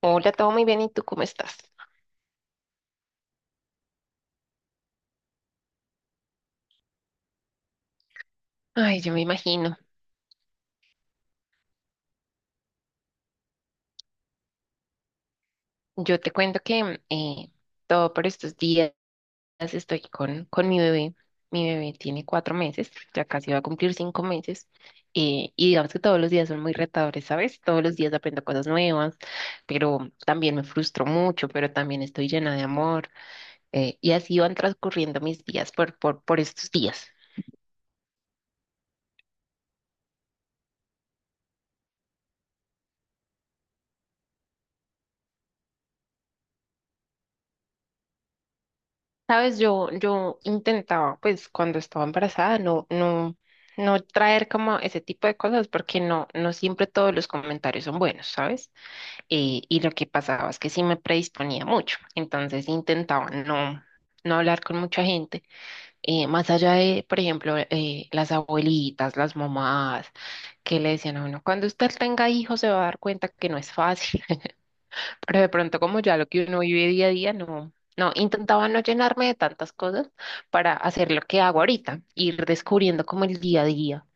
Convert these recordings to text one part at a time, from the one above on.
Hola, todo muy bien. ¿Y tú cómo estás? Ay, yo me imagino. Yo te cuento que todo por estos días estoy con mi bebé. Mi bebé tiene 4 meses, ya casi va a cumplir 5 meses. Y digamos que todos los días son muy retadores, ¿sabes? Todos los días aprendo cosas nuevas, pero también me frustro mucho, pero también estoy llena de amor. Y así van transcurriendo mis días por estos días. Sabes, yo intentaba, pues cuando estaba embarazada, no traer como ese tipo de cosas, porque no siempre todos los comentarios son buenos, ¿sabes? Y lo que pasaba es que sí me predisponía mucho. Entonces intentaba no hablar con mucha gente, más allá de, por ejemplo, las abuelitas, las mamás, que le decían a uno, cuando usted tenga hijos se va a dar cuenta que no es fácil. Pero de pronto como ya lo que uno vive día a día, no, no, intentaba no llenarme de tantas cosas para hacer lo que hago ahorita, ir descubriendo como el día a día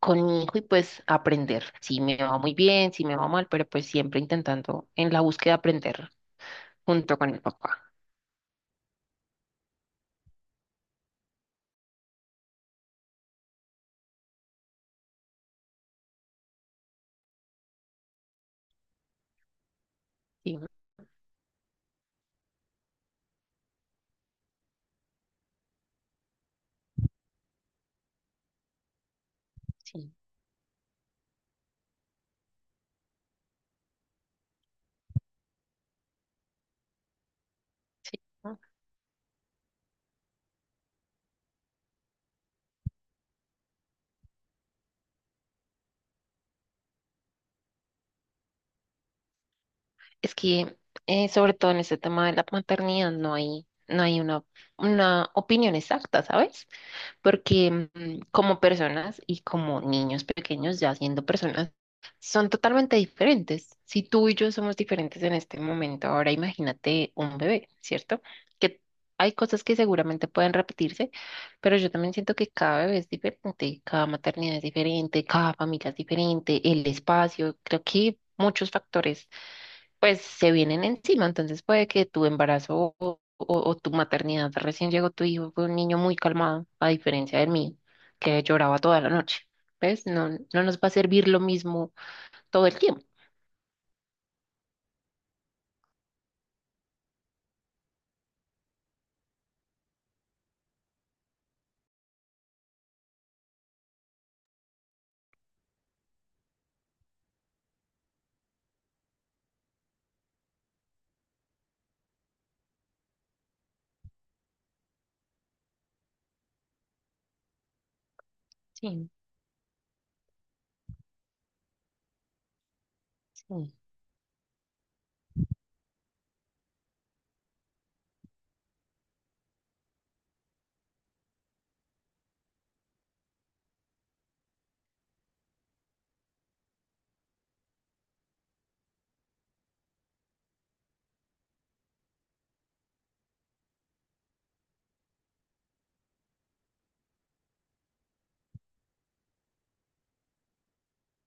con mi hijo y pues aprender. Si me va muy bien, si me va mal, pero pues siempre intentando en la búsqueda aprender junto con el papá. Sí, sí, sí. ¿No? Es que sobre todo en este tema de la maternidad no hay una opinión exacta, ¿sabes? Porque como personas y como niños pequeños, ya siendo personas, son totalmente diferentes. Si tú y yo somos diferentes en este momento, ahora imagínate un bebé, ¿cierto? Que hay cosas que seguramente pueden repetirse, pero yo también siento que cada bebé es diferente, cada maternidad es diferente, cada familia es diferente, el espacio, creo que muchos factores pues se vienen encima. Entonces puede que tu embarazo o tu maternidad. Recién llegó tu hijo, fue un niño muy calmado, a diferencia del mío, que lloraba toda la noche. ¿Ves? No nos va a servir lo mismo todo el tiempo. Sí, sí.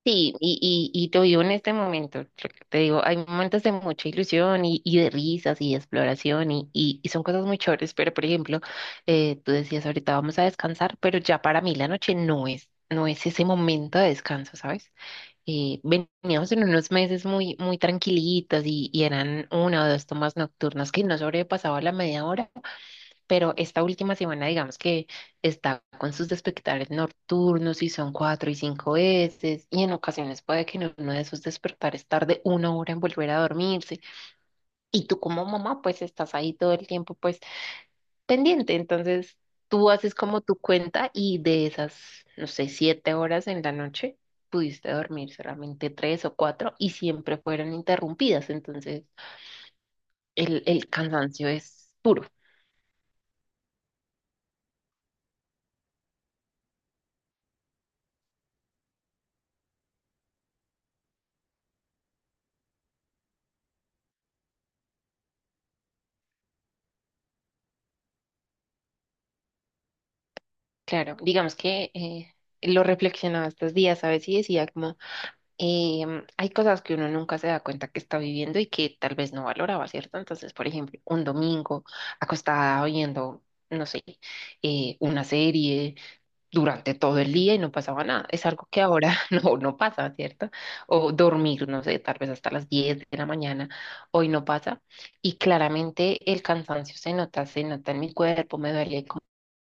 Sí, y te digo en este momento, lo que te digo, hay momentos de mucha ilusión y de risas y de exploración y son cosas muy chéveres. Pero por ejemplo, tú decías ahorita vamos a descansar, pero ya para mí la noche no es ese momento de descanso, ¿sabes? Veníamos en unos meses muy, muy tranquilitos y eran una o dos tomas nocturnas que no sobrepasaba la media hora. Pero esta última semana, digamos que está con sus despertares nocturnos y son cuatro y cinco veces, y en ocasiones puede que en uno de esos despertares tarde 1 hora en volver a dormirse. Y tú como mamá, pues estás ahí todo el tiempo, pues pendiente. Entonces, tú haces como tu cuenta y de esas, no sé, 7 horas en la noche, pudiste dormir solamente tres o cuatro y siempre fueron interrumpidas. Entonces, el cansancio es puro. Claro, digamos que lo reflexionaba estos días, ¿sabes? Y decía como, hay cosas que uno nunca se da cuenta que está viviendo y que tal vez no valoraba, ¿cierto? Entonces, por ejemplo, un domingo acostada oyendo, no sé, una serie durante todo el día y no pasaba nada. Es algo que ahora no pasa, ¿cierto? O dormir, no sé, tal vez hasta las 10 de la mañana, hoy no pasa. Y claramente el cansancio se nota en mi cuerpo, me duele el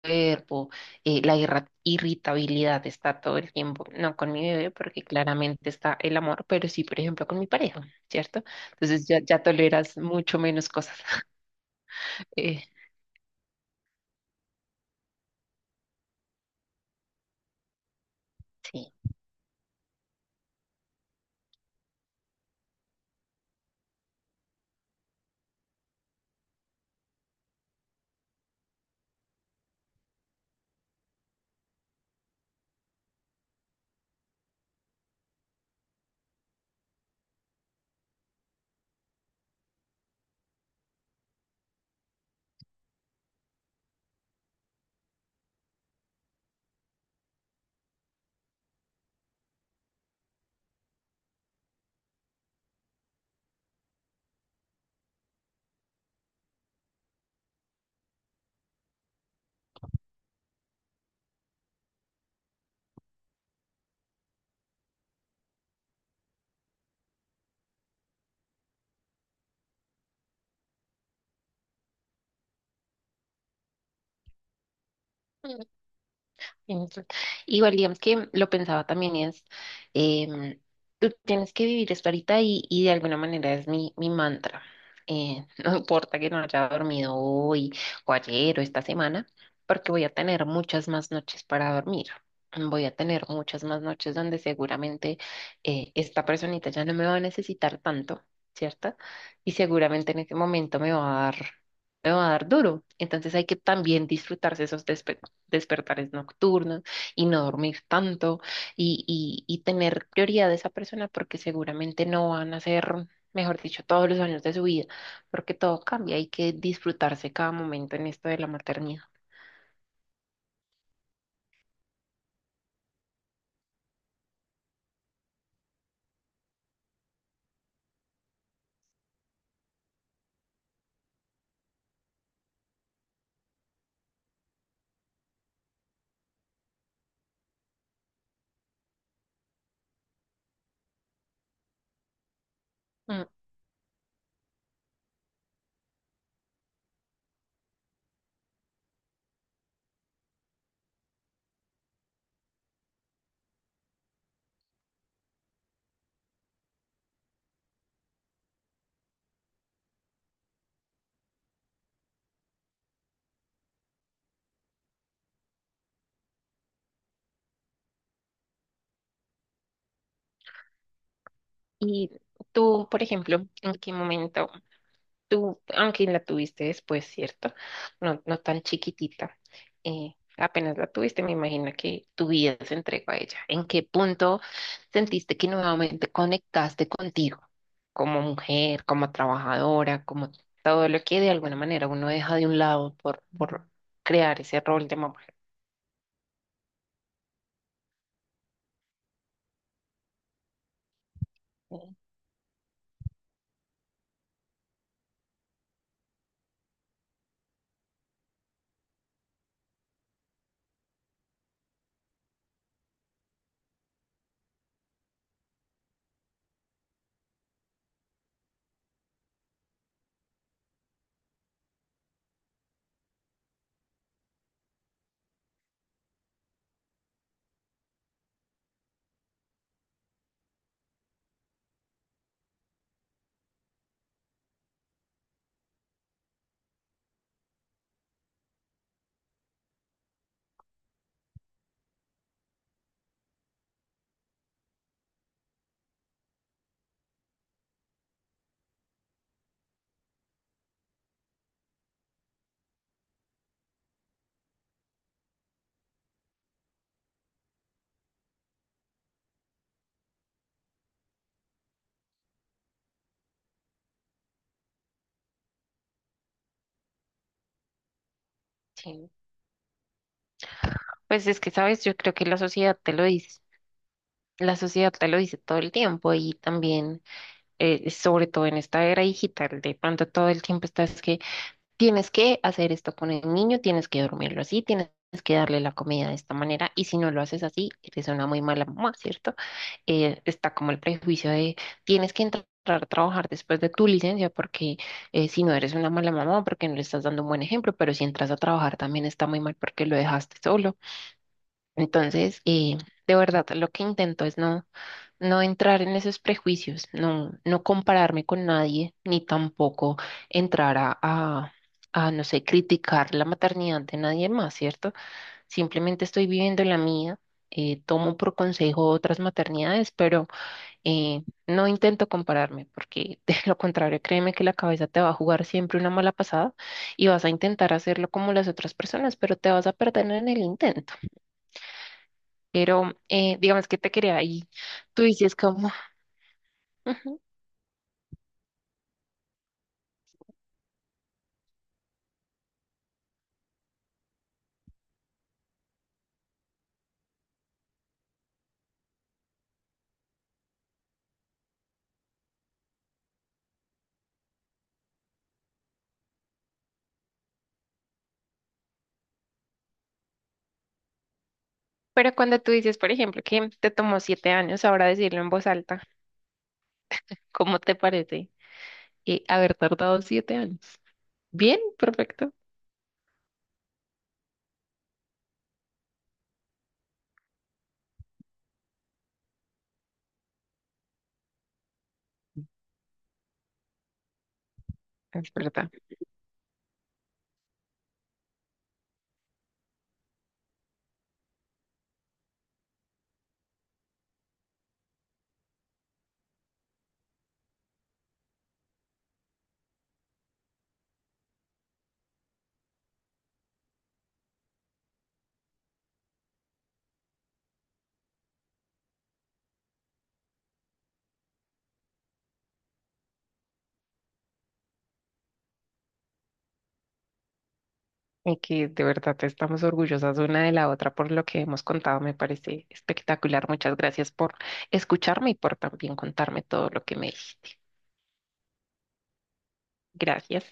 cuerpo. La irritabilidad está todo el tiempo, no con mi bebé, porque claramente está el amor, pero sí, por ejemplo, con mi pareja, ¿cierto? Entonces ya toleras mucho menos cosas. Eh, sí. Entonces, igual, digamos que lo pensaba también y es, em, tú tienes que vivir esto ahorita y de alguna manera es mi mantra. No importa que no haya dormido hoy o ayer o esta semana, porque voy a tener muchas más noches para dormir. Voy a tener muchas más noches donde seguramente esta personita ya no me va a necesitar tanto, ¿cierto? Y seguramente en ese momento me va a dar duro. Entonces hay que también disfrutarse esos despertares nocturnos y no dormir tanto y tener prioridad de esa persona porque seguramente no van a ser, mejor dicho, todos los años de su vida, porque todo cambia, hay que disfrutarse cada momento en esto de la maternidad. Mm. Y tú, por ejemplo, ¿en qué momento? Tú, aunque la tuviste después, ¿cierto? No, no tan chiquitita. Apenas la tuviste, me imagino que tu vida se entregó a ella. ¿En qué punto sentiste que nuevamente conectaste contigo como mujer, como trabajadora, como todo lo que de alguna manera uno deja de un lado por crear ese rol de mamá? Mm. Sí. Pues es que, sabes, yo creo que la sociedad te lo dice, la sociedad te lo dice todo el tiempo y también sobre todo en esta era digital, de pronto todo el tiempo estás que tienes que hacer esto con el niño, tienes que dormirlo así, tienes que darle la comida de esta manera y si no lo haces así, eres una muy mala mamá, ¿cierto? Está como el prejuicio de tienes que entrar a trabajar después de tu licencia porque si no eres una mala mamá, porque no le estás dando un buen ejemplo, pero si entras a trabajar también está muy mal porque lo dejaste solo. Entonces, de verdad, lo que intento es no entrar en esos prejuicios, no compararme con nadie, ni tampoco entrar no sé, criticar la maternidad de nadie más, ¿cierto? Simplemente estoy viviendo la mía. Tomo por consejo otras maternidades. Pero no intento compararme, porque de lo contrario, créeme que la cabeza te va a jugar siempre una mala pasada y vas a intentar hacerlo como las otras personas, pero te vas a perder en el intento. Pero digamos que te quería ahí, tú dices como... Pero cuando tú dices, por ejemplo, que te tomó 7 años ahora decirlo en voz alta, ¿cómo te parece haber tardado 7 años? Bien, perfecto. Es verdad. Y que de verdad estamos orgullosas una de la otra por lo que hemos contado. Me parece espectacular. Muchas gracias por escucharme y por también contarme todo lo que me dijiste. Gracias.